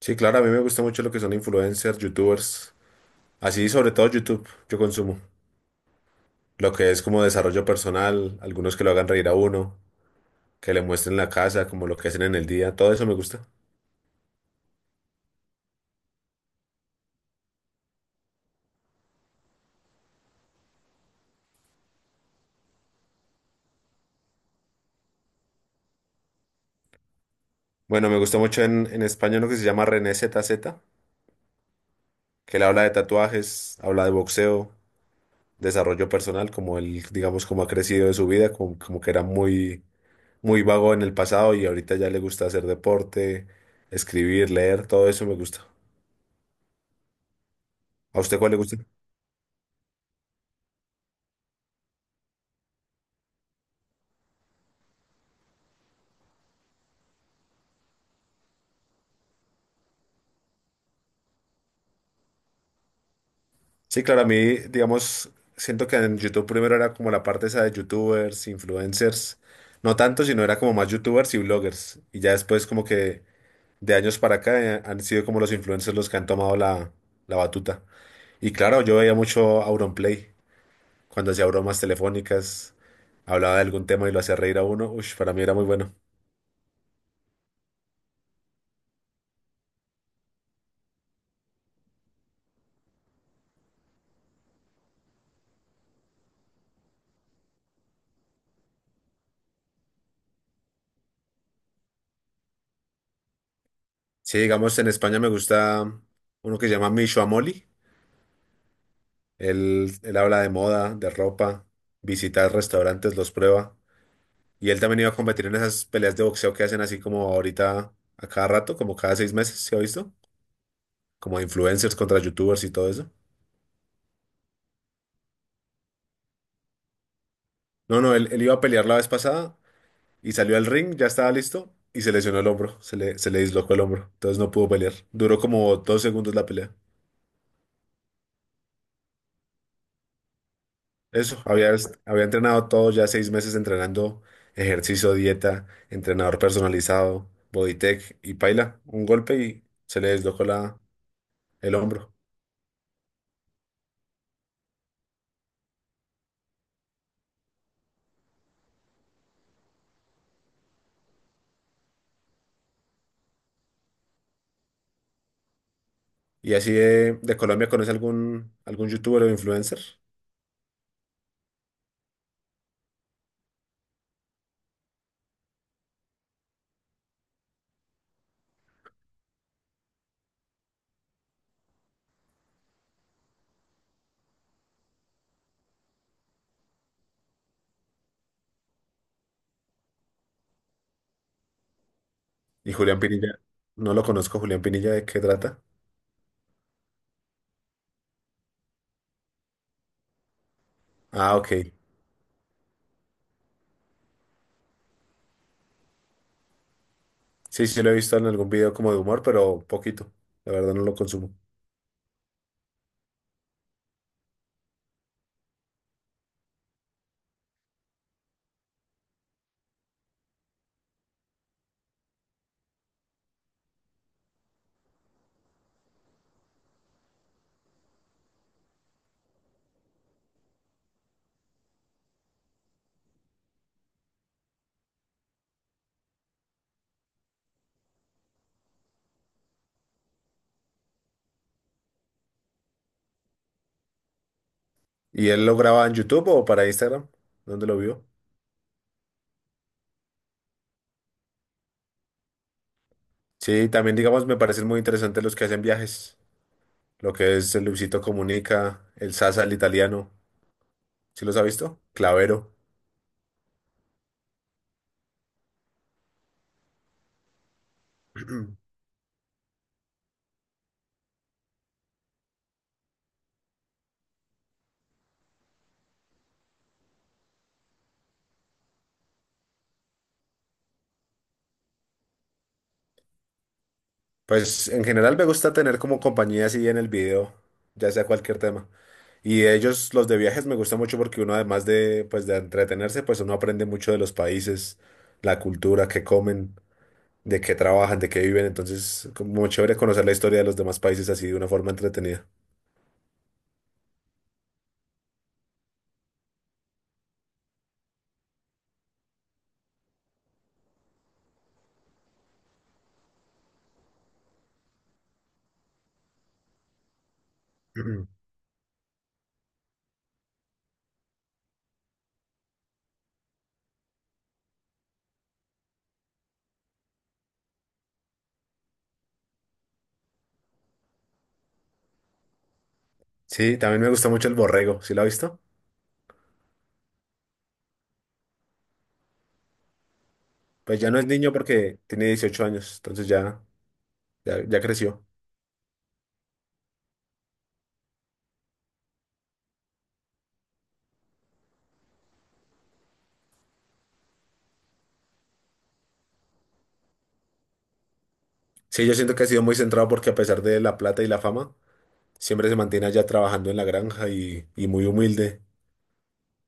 Sí, claro, a mí me gusta mucho lo que son influencers, youtubers, así sobre todo YouTube, yo consumo. Lo que es como desarrollo personal, algunos que lo hagan reír a uno, que le muestren la casa, como lo que hacen en el día, todo eso me gusta. Bueno, me gusta mucho en español lo que se llama René ZZ, que él habla de tatuajes, habla de boxeo, desarrollo personal, como él, digamos, como ha crecido de su vida, como que era muy, muy vago en el pasado y ahorita ya le gusta hacer deporte, escribir, leer, todo eso me gusta. ¿A usted cuál le gusta? Sí, claro, a mí, digamos, siento que en YouTube primero era como la parte esa de YouTubers, influencers, no tanto, sino era como más YouTubers y bloggers. Y ya después como que de años para acá han sido como los influencers los que han tomado la batuta. Y claro, yo veía mucho Auronplay, cuando hacía bromas telefónicas, hablaba de algún tema y lo hacía reír a uno, uy, para mí era muy bueno. Sí, digamos, en España me gusta uno que se llama Micho Amoli, él habla de moda, de ropa, visita restaurantes, los prueba. Y él también iba a competir en esas peleas de boxeo que hacen así como ahorita, a cada rato, como cada 6 meses, ¿se ha visto? Como influencers contra youtubers y todo eso. No, no, él iba a pelear la vez pasada y salió al ring, ya estaba listo y se lesionó el hombro, se le dislocó el hombro, entonces no pudo pelear. Duró como 2 segundos la pelea. Eso, había, había entrenado todo, ya 6 meses entrenando ejercicio, dieta, entrenador personalizado, bodytech y paila, un golpe y se le deslocó la, el hombro. Y así de Colombia, ¿conoce algún youtuber o influencer? Y Julián Pinilla, no lo conozco, Julián Pinilla, ¿de qué trata? Ah, ok. Sí, sí, lo he visto en algún video como de humor, pero poquito. La verdad no lo consumo. ¿Y él lo graba en YouTube o para Instagram? ¿Dónde lo vio? Sí, también digamos me parecen muy interesantes los que hacen viajes. Lo que es el Luisito Comunica, el Sasa, el italiano. ¿Sí los ha visto? Clavero. Pues en general me gusta tener como compañía así en el video, ya sea cualquier tema. Y de ellos, los de viajes, me gusta mucho porque uno además de, pues, de entretenerse, pues uno aprende mucho de los países, la cultura, qué comen, de qué trabajan, de qué viven. Entonces, como muy chévere conocer la historia de los demás países así de una forma entretenida. Ujú. Sí, también me gusta mucho el borrego. ¿Sí lo ha visto? Pues ya no es niño porque tiene 18 años, entonces ya, ya, ya creció. Sí, yo siento que ha sido muy centrado porque a pesar de la plata y la fama, siempre se mantiene allá trabajando en la granja y muy humilde.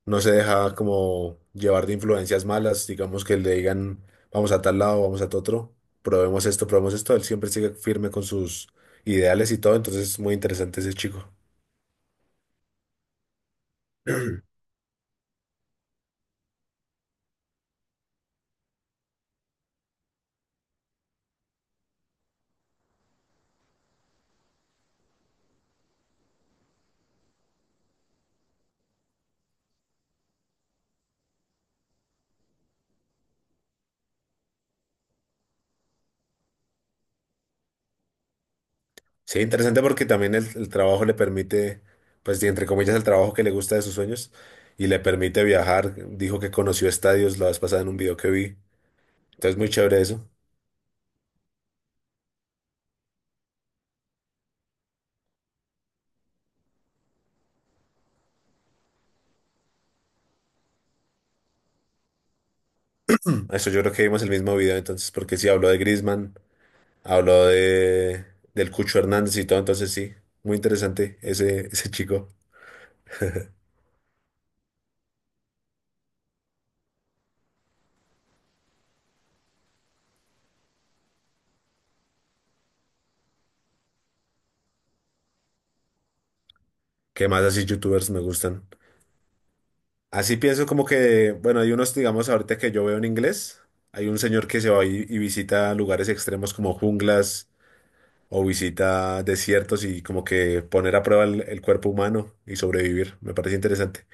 No se deja como llevar de influencias malas, digamos que le digan, vamos a tal lado, vamos a tal otro, probemos esto, probemos esto. Él siempre sigue firme con sus ideales y todo, entonces es muy interesante ese chico. Sí, interesante porque también el trabajo le permite, pues y entre comillas, el trabajo que le gusta de sus sueños y le permite viajar. Dijo que conoció estadios la vez pasada en un video que vi. Entonces, muy chévere eso. Eso yo creo que vimos el mismo video entonces, porque si habló de Griezmann. Habló de, del Cucho Hernández y todo, entonces sí, muy interesante ese, ese chico. ¿Qué más así youtubers me gustan? Así pienso como que, bueno, hay unos, digamos, ahorita que yo veo en inglés, hay un señor que se va y visita lugares extremos como junglas o visita desiertos y como que poner a prueba el cuerpo humano y sobrevivir. Me parece interesante.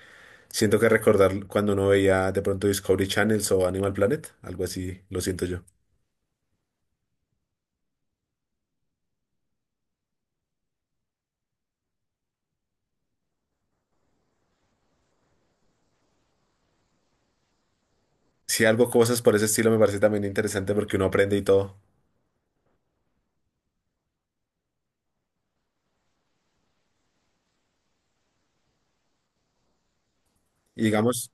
Siento que recordar cuando uno veía de pronto Discovery Channels o Animal Planet, algo así, lo siento yo. Si algo, cosas por ese estilo me parece también interesante porque uno aprende y todo. Y digamos,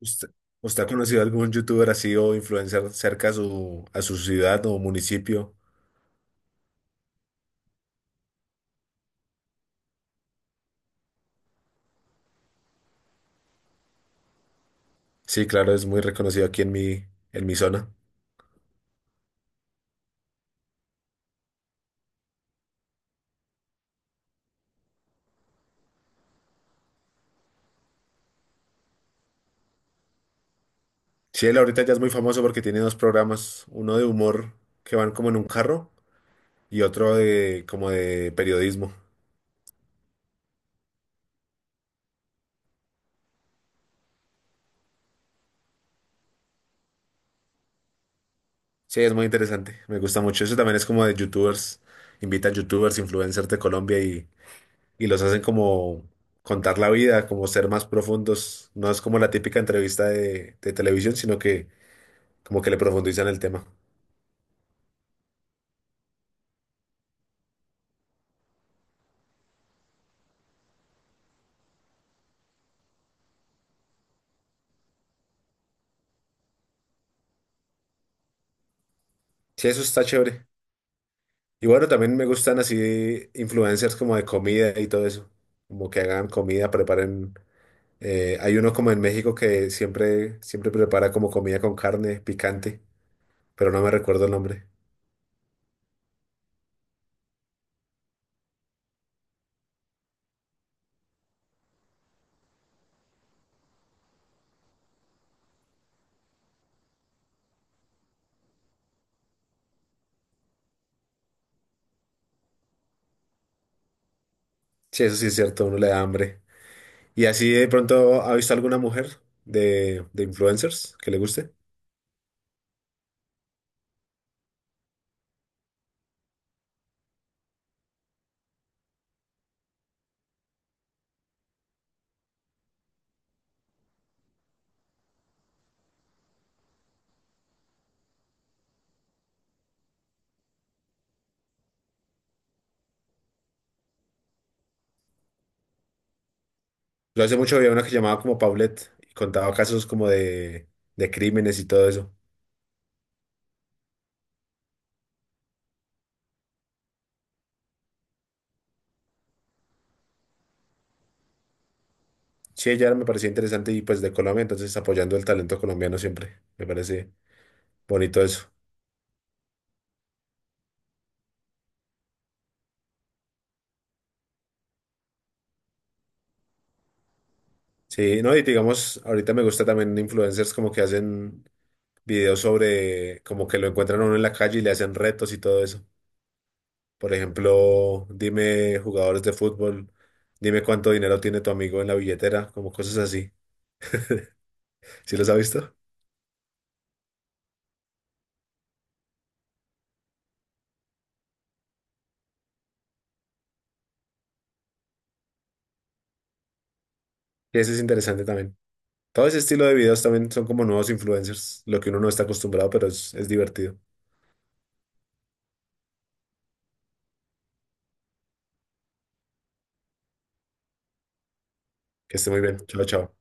¿usted, usted ha conocido algún youtuber así o influencer cerca a su ciudad o municipio? Sí, claro, es muy reconocido aquí en mi, zona. Sí, él ahorita ya es muy famoso porque tiene dos programas, uno de humor que van como en un carro y otro de como de periodismo. Sí, es muy interesante, me gusta mucho. Eso también es como de youtubers, invitan youtubers, influencers de Colombia y los hacen como contar la vida, como ser más profundos. No es como la típica entrevista de televisión, sino que como que le profundizan el tema. Sí, eso está chévere. Y bueno, también me gustan así influencers como de comida y todo eso, como que hagan comida, preparen. Hay uno como en México que siempre prepara como comida con carne picante, pero no me recuerdo el nombre. Sí, eso sí es cierto, a uno le da hambre. ¿Y así de pronto ha visto alguna mujer de, influencers que le guste? Yo hace mucho había una que llamaba como Paulette y contaba casos como de crímenes y todo eso. Sí, ya me parecía interesante y pues de Colombia, entonces apoyando el talento colombiano siempre. Me parece bonito eso. Sí, no, y digamos, ahorita me gusta también influencers como que hacen videos sobre como que lo encuentran a uno en la calle y le hacen retos y todo eso. Por ejemplo, dime jugadores de fútbol, dime cuánto dinero tiene tu amigo en la billetera, como cosas así. ¿Sí los ha visto? Y ese es interesante también. Todo ese estilo de videos también son como nuevos influencers, lo que uno no está acostumbrado, pero es divertido. Que esté muy bien. Chao, chao.